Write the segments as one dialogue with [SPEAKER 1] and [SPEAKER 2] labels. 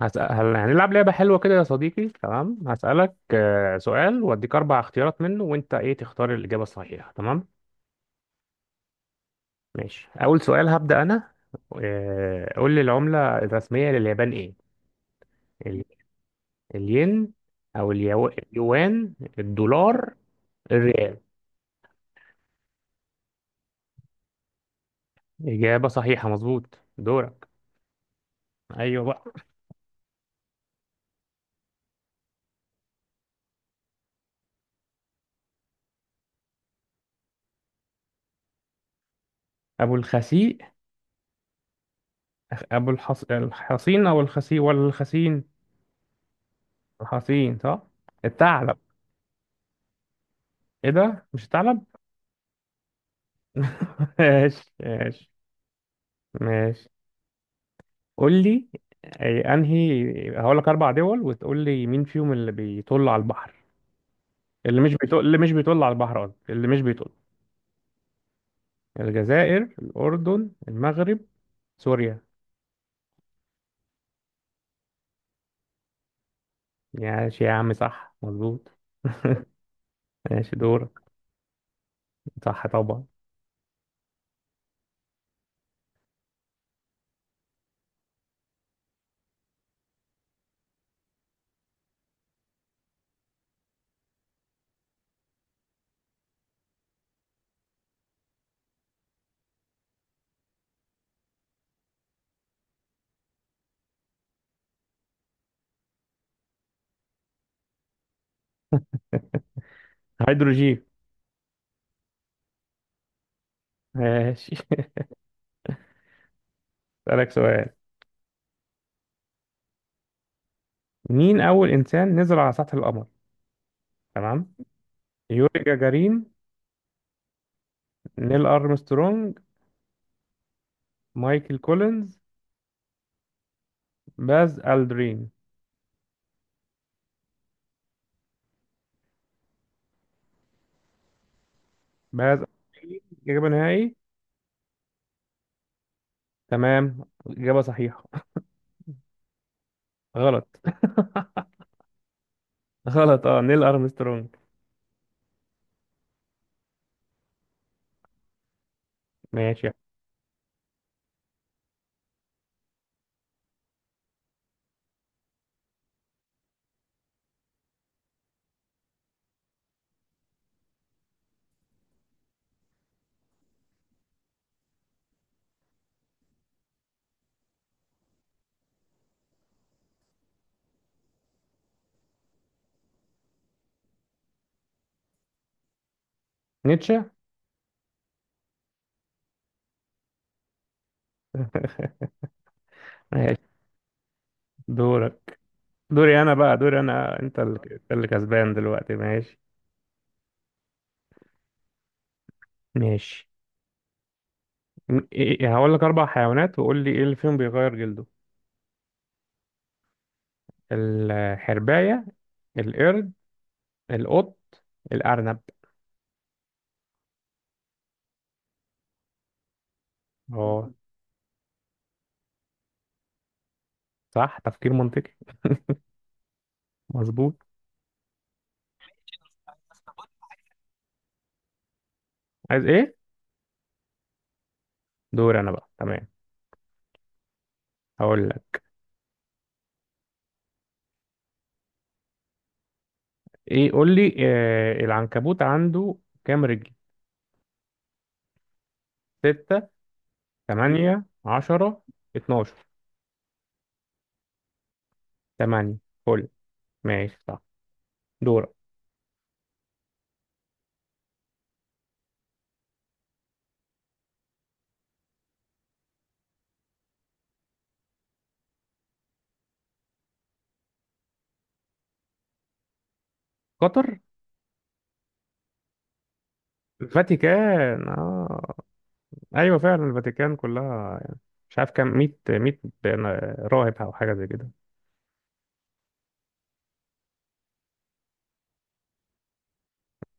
[SPEAKER 1] هنلعب لعبة حلوة كده يا صديقي. تمام، هسألك سؤال وأديك أربع اختيارات منه وأنت إيه تختار الإجابة الصحيحة. تمام؟ ماشي، أول سؤال هبدأ أنا. قول لي العملة الرسمية لليابان إيه؟ ال... الين، أو اليوان، الدولار، الريال. إجابة صحيحة، مظبوط. دورك. أيوه بقى. أبو الخسيء، أبو الحصين، أو الخسيء ولا الخسين؟ الحصين صح. الثعلب. إيه ده، مش الثعلب؟ ماشي ماشي. ماشي، قول لي. انهي، هقول لك اربع دول وتقول لي مين فيهم اللي بيطل على البحر. اللي مش بيطل، اللي مش بيطل على البحر، قصدي اللي مش بيطل. الجزائر، الاردن، المغرب، سوريا. ماشي يا عم، صح، مظبوط. ماشي. دورك. صح طبعا. هيدروجين. ماشي. اسالك سؤال. مين اول انسان نزل على سطح القمر؟ تمام. يوري جاجارين، نيل ارمسترونج، مايكل كولينز، باز الدرين. بهذا إجابة نهائي. تمام، إجابة صحيحة. غلط. غلط، اه نيل أرمسترونج. ماشي. نيتشه. ماشي. دورك. دوري أنا بقى، دوري أنا. أنت اللي كسبان دلوقتي، ماشي. ماشي. هقول لك أربع حيوانات وقول لي إيه اللي فيهم بيغير جلده. الحرباية، القرد، القط، الأرنب. اه، صح، تفكير منطقي. مظبوط. عايز إيه؟ دوري أنا بقى. تمام، هقول لك. ايه، قول لي، العنكبوت عنده كام رجل؟ ستة، تمانية، عشرة، اتناشر. تمانية، فل. ماشي صح. دورك. قطر. الفاتيكان، آه. ايوه فعلا، الفاتيكان كلها يعني، مش عارف كام، مية مية راهب او حاجة زي كده.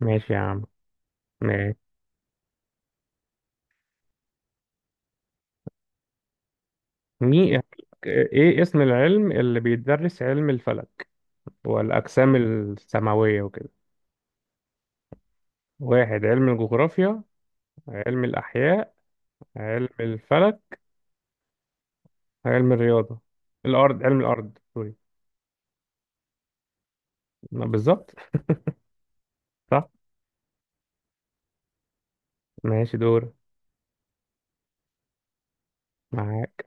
[SPEAKER 1] ماشي يا عم، ماشي. مي... ايه اسم العلم اللي بيدرس علم الفلك والاجسام السماوية وكده؟ واحد، علم الجغرافيا، علم الاحياء، علم الفلك، علم الرياضة. الأرض، علم الأرض، سوري. ما بالظبط. صح. ماشي، دور. معاك.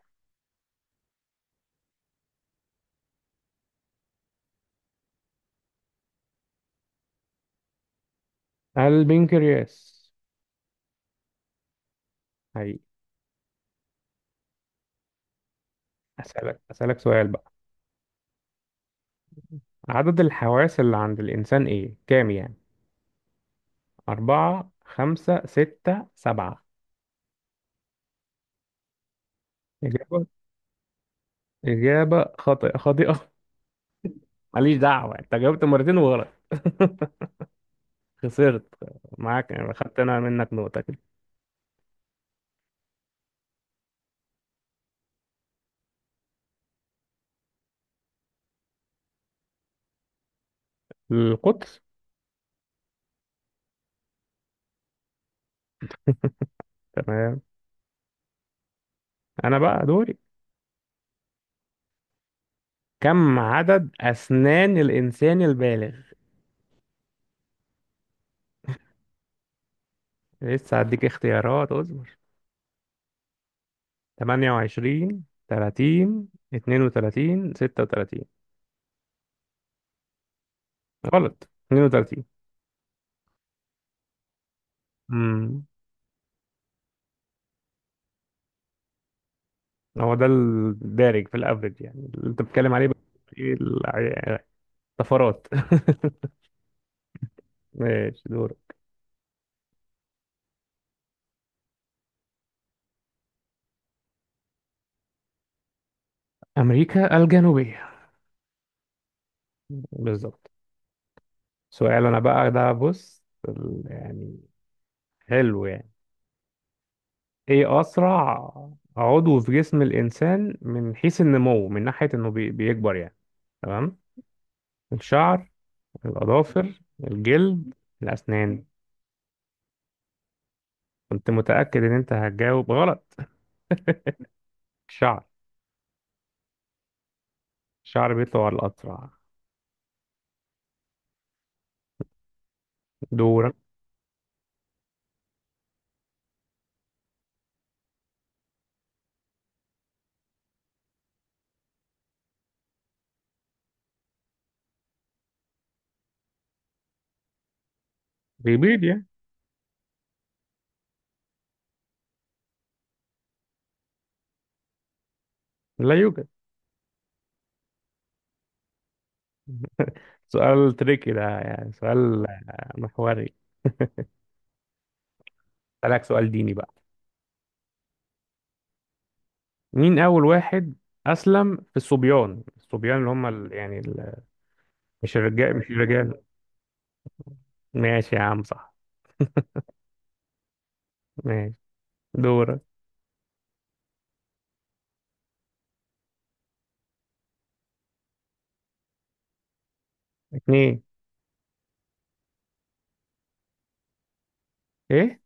[SPEAKER 1] البنكرياس. هي. أسألك سؤال بقى. عدد الحواس اللي عند الإنسان إيه، كام يعني؟ أربعة، خمسة، ستة، سبعة. إجابة، إجابة خاطئة، خاطئة. ماليش دعوة، أنت جاوبت مرتين وغلط. خسرت معاك يعني، خدت أنا منك نقطة كده. القطر. تمام. أنا بقى دوري. كم عدد أسنان الإنسان البالغ؟ لسه هديك اختيارات، اصبر. 28، 30، 32، 36. غلط، 32. امم هو ده الدارج في الافرج يعني، اللي انت بتتكلم عليه بقى. ايه الطفرات. ماشي، دور. امريكا الجنوبية. بالظبط. سؤال انا بقى ده، بص. يعني حلو يعني، ايه اسرع عضو في جسم الانسان من حيث النمو، من ناحية انه بيكبر يعني. تمام. الشعر، الأظافر، الجلد، الأسنان. كنت متأكد إن أنت هتجاوب غلط. الشعر. الشعر بيطلع الأسرع. دورك. بيبيض يعني. لا يوجد. سؤال تريكي ده يعني، سؤال محوري. أسألك سؤال ديني بقى. مين أول واحد أسلم في الصبيان، الصبيان اللي هم مش الرجال، مش الرجال. ماشي يا عم، صح. ماشي، دورك. اتنين. إيه؟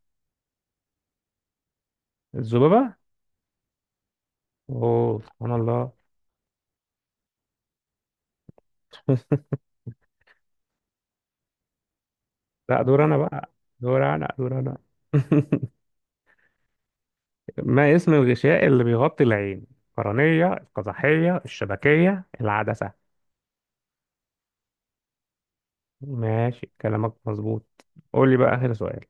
[SPEAKER 1] الذبابة؟ أوه، سبحان الله. لا، دور أنا بقى. دور أنا. ما اسم الغشاء اللي بيغطي العين؟ القرنية، القزحية، الشبكية، العدسة. ماشي، كلامك مظبوط. قول لي بقى آخر سؤال.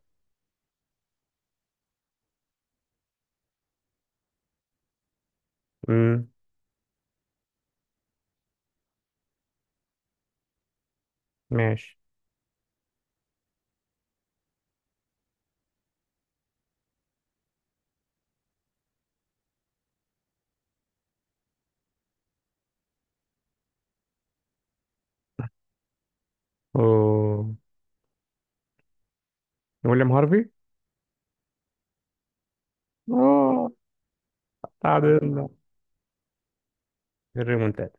[SPEAKER 1] امم ماشي. أوه. ويليام هارفي. اه، تعادلنا. الريمونتادا.